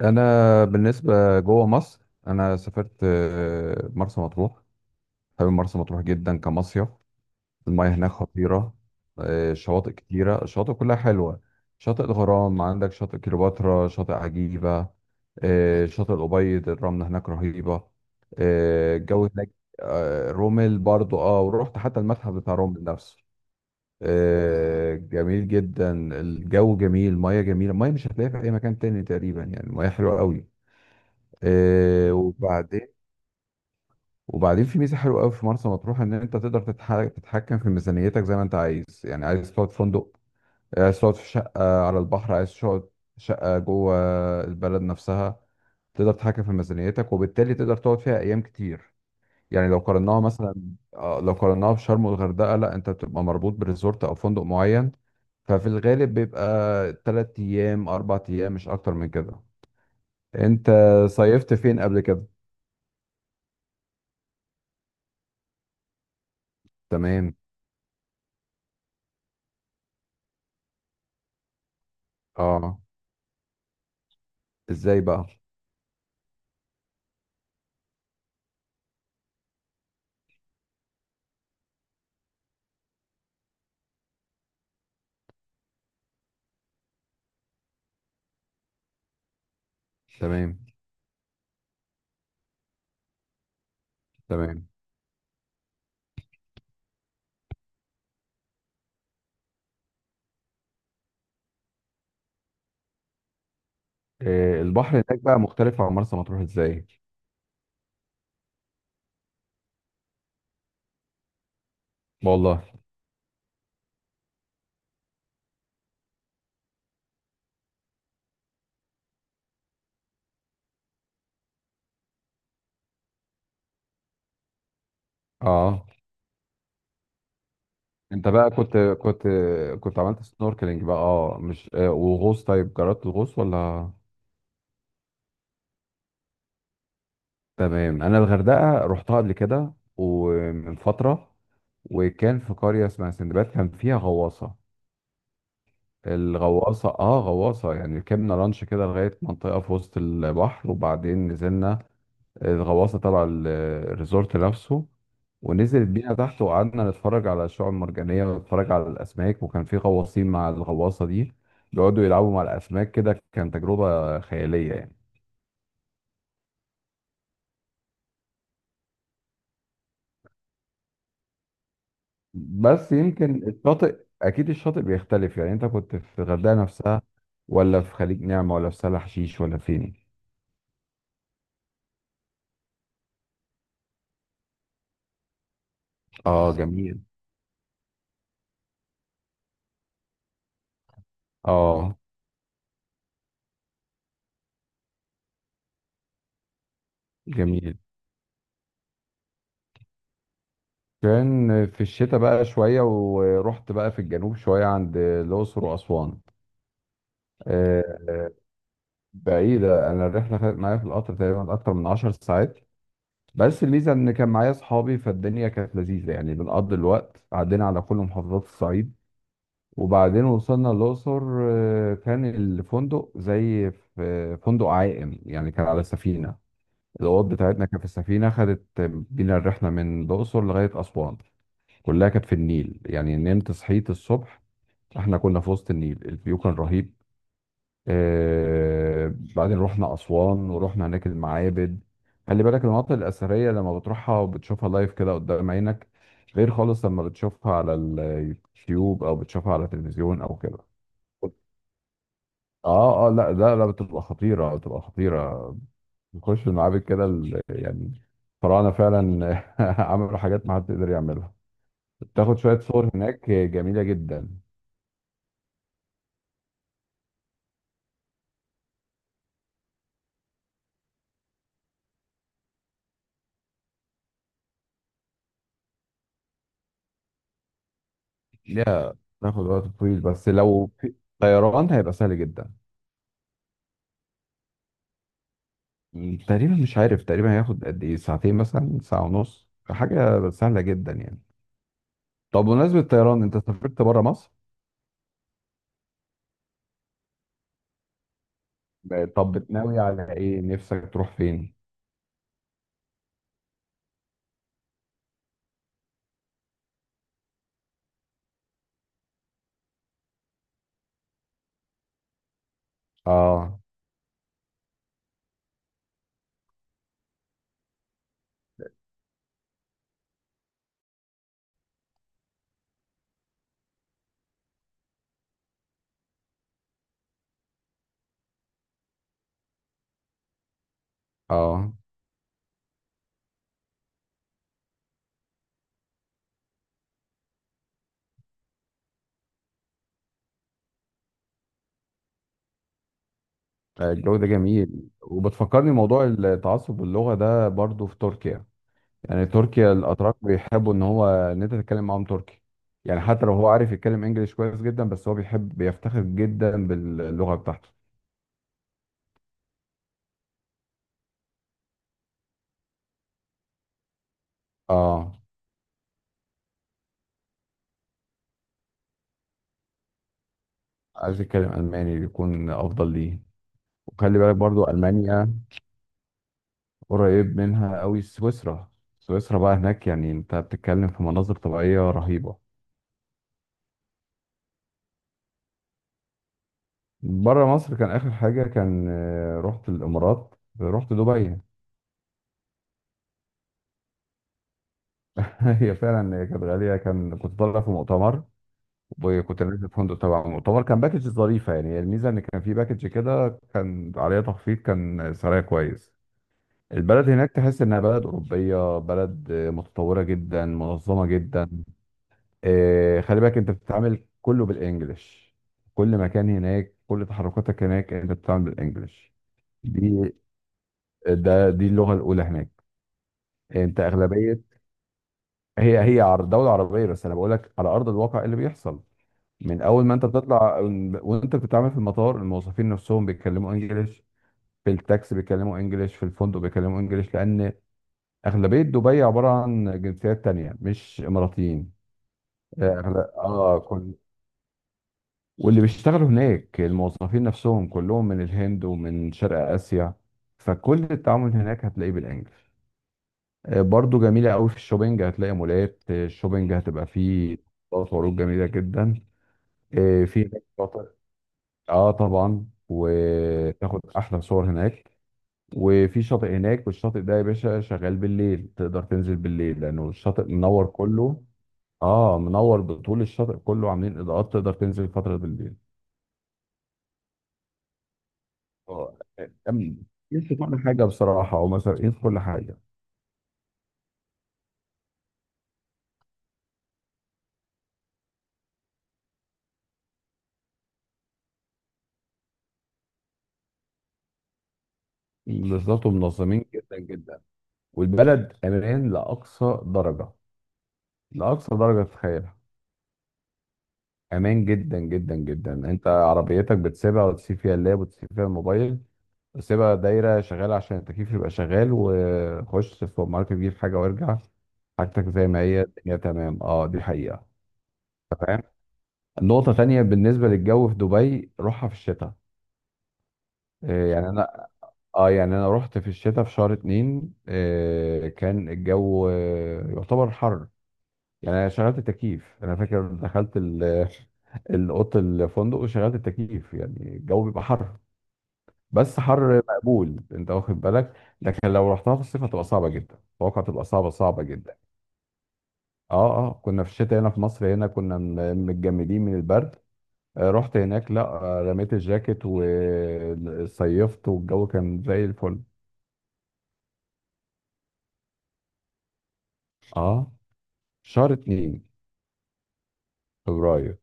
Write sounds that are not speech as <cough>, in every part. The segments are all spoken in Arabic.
انا بالنسبه جوه مصر، انا سافرت مرسى مطروح. حابب مرسى مطروح جدا كمصيف. المياه هناك خطيره. شواطئ كتيره، الشواطئ كلها حلوه. شاطئ الغرام، عندك شاطئ كليوباترا، شاطئ عجيبه، شاطئ الأبيض. الرمله هناك رهيبه، الجو هناك. رومل برضو ورحت حتى المتحف بتاع رومل نفسه. جميل جدا. الجو جميل، المياه جميله، المياه مش هتلاقيها في اي مكان تاني تقريبا، يعني المياه حلوه قوي. وبعدين. وبعدين في ميزه حلوه قوي في مرسى مطروح، ان انت تقدر تتحكم في ميزانيتك زي ما انت عايز. يعني عايز تقعد في فندق، عايز تقعد في شقه على البحر، عايز تقعد في شقه جوه البلد نفسها. تقدر تتحكم في ميزانيتك وبالتالي تقدر تقعد فيها ايام كتير. يعني لو قارناها مثلا، لو قارناها بشرم والغردقه، لا انت بتبقى مربوط بريزورت او فندق معين. ففي الغالب بيبقى 3 ايام 4 ايام، مش اكتر من كده. انت صيفت فين قبل كده؟ تمام. اه. ازاي بقى؟ تمام، تمام. إيه البحر هناك بقى مختلف عن مرسى مطروح ازاي؟ والله. اه. انت بقى كنت عملت سنوركلينج بقى، مش وغوص؟ طيب جربت الغوص ولا؟ تمام. انا الغردقه رحتها قبل كده ومن فتره، وكان في قريه اسمها سندباد كان فيها غواصه. الغواصه، غواصه يعني، ركبنا لانش كده لغايه منطقه في وسط البحر وبعدين نزلنا الغواصه تبع الريزورت نفسه. ونزلت بينا تحت، وقعدنا نتفرج على الشعاب المرجانيه ونتفرج على الاسماك، وكان في غواصين مع الغواصه دي بيقعدوا يلعبوا مع الاسماك كده. كانت تجربه خياليه يعني. بس يمكن الشاطئ، اكيد الشاطئ بيختلف. يعني انت كنت في الغردقه نفسها ولا في خليج نعمه ولا في سهل حشيش ولا فين؟ اه جميل. اه جميل. كان في الشتاء بقى شوية، ورحت بقى في الجنوب شوية عند الأقصر وأسوان. آه، بعيدة. أنا الرحلة خدت معايا في القطر تقريبا أكتر من 10 ساعات، بس الميزة إن كان معايا أصحابي فالدنيا كانت لذيذة يعني. بنقضي الوقت، عدينا على كل محافظات الصعيد، وبعدين وصلنا الأقصر. كان الفندق زي في فندق عائم يعني، كان على سفينة. الأوض بتاعتنا كانت في السفينة، خدت بينا الرحلة من الأقصر لغاية أسوان كلها كانت في النيل. يعني نمت، صحيت الصبح، احنا كنا في وسط النيل، الفيو كان رهيب. بعدين رحنا أسوان، ورحنا هناك المعابد. خلي بالك، المناطق الأثرية لما بتروحها وبتشوفها لايف كده قدام عينك غير خالص لما بتشوفها على اليوتيوب أو بتشوفها على التلفزيون أو كده. اه اه، لا لا لا، بتبقى خطيرة، بتبقى خطيرة. بنخش المعابد كده، يعني الفراعنة فعلا <laughs> عملوا حاجات ما حد يقدر يعملها. بتاخد شوية صور هناك جميلة جدا. ليها، تاخد وقت طويل، بس لو في طيران هيبقى سهل جدا. تقريبا مش عارف، تقريبا هياخد قد ايه، ساعتين مثلا، ساعة ونص، حاجة سهلة جدا يعني. طب بمناسبة الطيران، انت سافرت بره مصر؟ طب بتناوي على ايه، نفسك تروح فين؟ اه. اه. الجو ده جميل، وبتفكرني موضوع التعصب اللغة ده برضو في تركيا. يعني تركيا، الاتراك بيحبوا ان هو ان انت تتكلم معاهم تركي. يعني حتى لو هو عارف يتكلم انجليش كويس جدا، بس هو بيحب، بيفتخر جدا باللغة بتاعته. اه. عايز يتكلم الماني، يكون افضل ليه. وخلي بالك برضو ألمانيا قريب منها قوي سويسرا. سويسرا بقى هناك يعني انت بتتكلم في مناظر طبيعية رهيبة. بره مصر كان آخر حاجة، كان رحت الإمارات، رحت دبي. <laughs> هي فعلا، هي كانت غالية. كنت طالع في مؤتمر، وكنت نازل في فندق تبع المؤتمر، كان باكج ظريفة يعني. الميزة إن كان في باكج كده كان عليها تخفيض، كان سعرها كويس. البلد هناك تحس إنها بلد أوروبية، بلد متطورة جدا، منظمة جدا. خلي بالك انت بتتعامل كله بالانجلش. كل مكان هناك، كل تحركاتك هناك انت بتتعامل بالانجلش. دي دي اللغه الاولى هناك. انت اغلبيه، هي دوله عربيه، بس انا بقول لك على ارض الواقع إيه اللي بيحصل. من اول ما انت بتطلع وانت بتتعامل في المطار، الموظفين نفسهم بيتكلموا انجلش، في التاكسي بيتكلموا انجلش، في الفندق بيتكلموا انجلش، لان اغلبيه دبي عباره عن جنسيات تانية مش اماراتيين. آه، أغل- اه واللي بيشتغلوا هناك الموظفين نفسهم كلهم من الهند ومن شرق آسيا، فكل التعامل هناك هتلاقيه بالانجلش. برضو جميلة قوي في الشوبينج، هتلاقي مولات، الشوبينج هتبقى فيه طلبات وعروض جميلة جدا. في هناك شاطئ. اه طبعا، وتاخد احلى صور هناك. وفي شاطئ هناك، والشاطئ ده يا باشا شغال بالليل، تقدر تنزل بالليل لانه الشاطئ منور كله. اه منور بطول الشاطئ كله، عاملين اضاءات، تقدر تنزل فترة بالليل. هو أم- يمشي كل حاجة بصراحة، هو مسؤولين في كل حاجة. بالظبط، ومنظمين جدا جدا. والبلد أمان لأقصى درجة، لأقصى درجة تتخيلها. أمان جدا جدا جدا. أنت عربيتك بتسيبها وتسيب فيها اللاب وتسيب فيها الموبايل وتسيبها دايرة شغالة عشان التكييف يبقى شغال، وخش السوبر ماركت تجيب حاجة وارجع، حاجتك زي ما هي، الدنيا تمام. اه دي حقيقة. تمام. نقطة تانية بالنسبة للجو في دبي، روحها في الشتاء. إيه يعني. انا اه يعني انا رحت في الشتاء في شهر اتنين. كان الجو يعتبر حر. يعني انا شغلت التكييف. انا فاكر دخلت <laughs> الاوضه، الفندق، وشغلت التكييف، يعني الجو بيبقى حر. بس حر مقبول، انت واخد بالك. لكن لو رحتها في الصيف هتبقى صعبه جدا، اتوقع تبقى صعبه صعبه جدا. اه اه، كنا في الشتاء هنا في مصر، هنا كنا متجمدين من البرد. رحت هناك، لا رميت الجاكيت وصيفت، والجو كان زي الفل. اه. شهر اتنين، فبراير.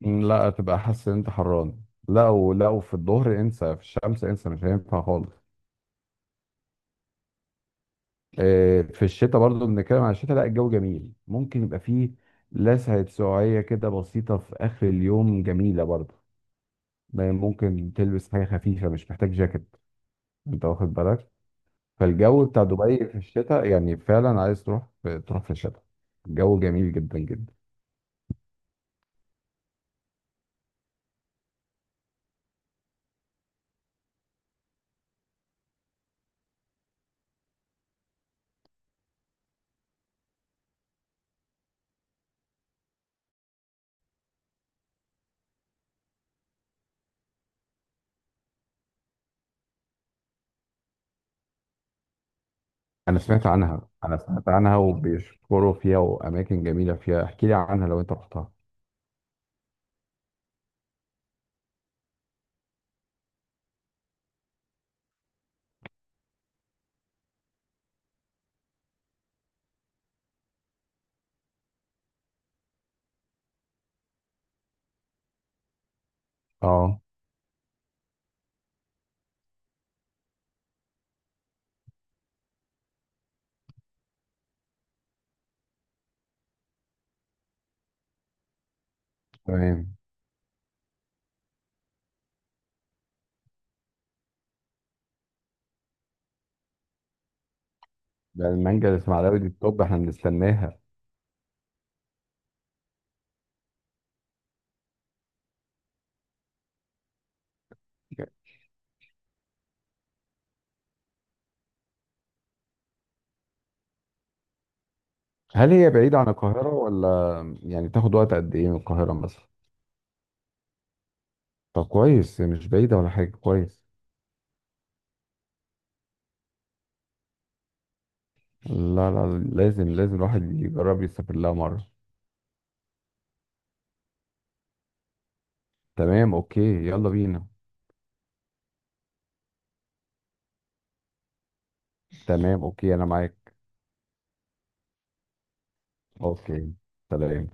لا، تبقى حاسس ان انت حران. لا، ولو في الظهر انسى، في الشمس انسى، مش هينفع خالص. في الشتاء برضو، بنتكلم عن الشتاء، لا الجو جميل، ممكن يبقى فيه لسعة سقعية كده بسيطة في آخر اليوم، جميلة برضو. ما ممكن تلبس حاجة خفيفة، مش محتاج جاكيت، انت واخد بالك. فالجو بتاع دبي في الشتاء يعني فعلا عايز تروح في الشتاء. الجو جميل جدا جدا. انا سمعت عنها، انا سمعت عنها، وبيشكروا فيها واماكن جميلة فيها، احكي لي عنها لو انت رحتها. اه. تمام. ده المانجا الاسماعيلاوي دي التوب احنا بنستناها. هل هي بعيدة عن القاهرة ولا؟ يعني تاخد وقت قد ايه من القاهرة مثلا؟ طب كويس، مش بعيدة ولا حاجة، كويس. لا لا، لازم لازم الواحد يجرب يسافر لها مرة. تمام، اوكي. يلا بينا. تمام، اوكي، انا معاك. اوكي. سلام.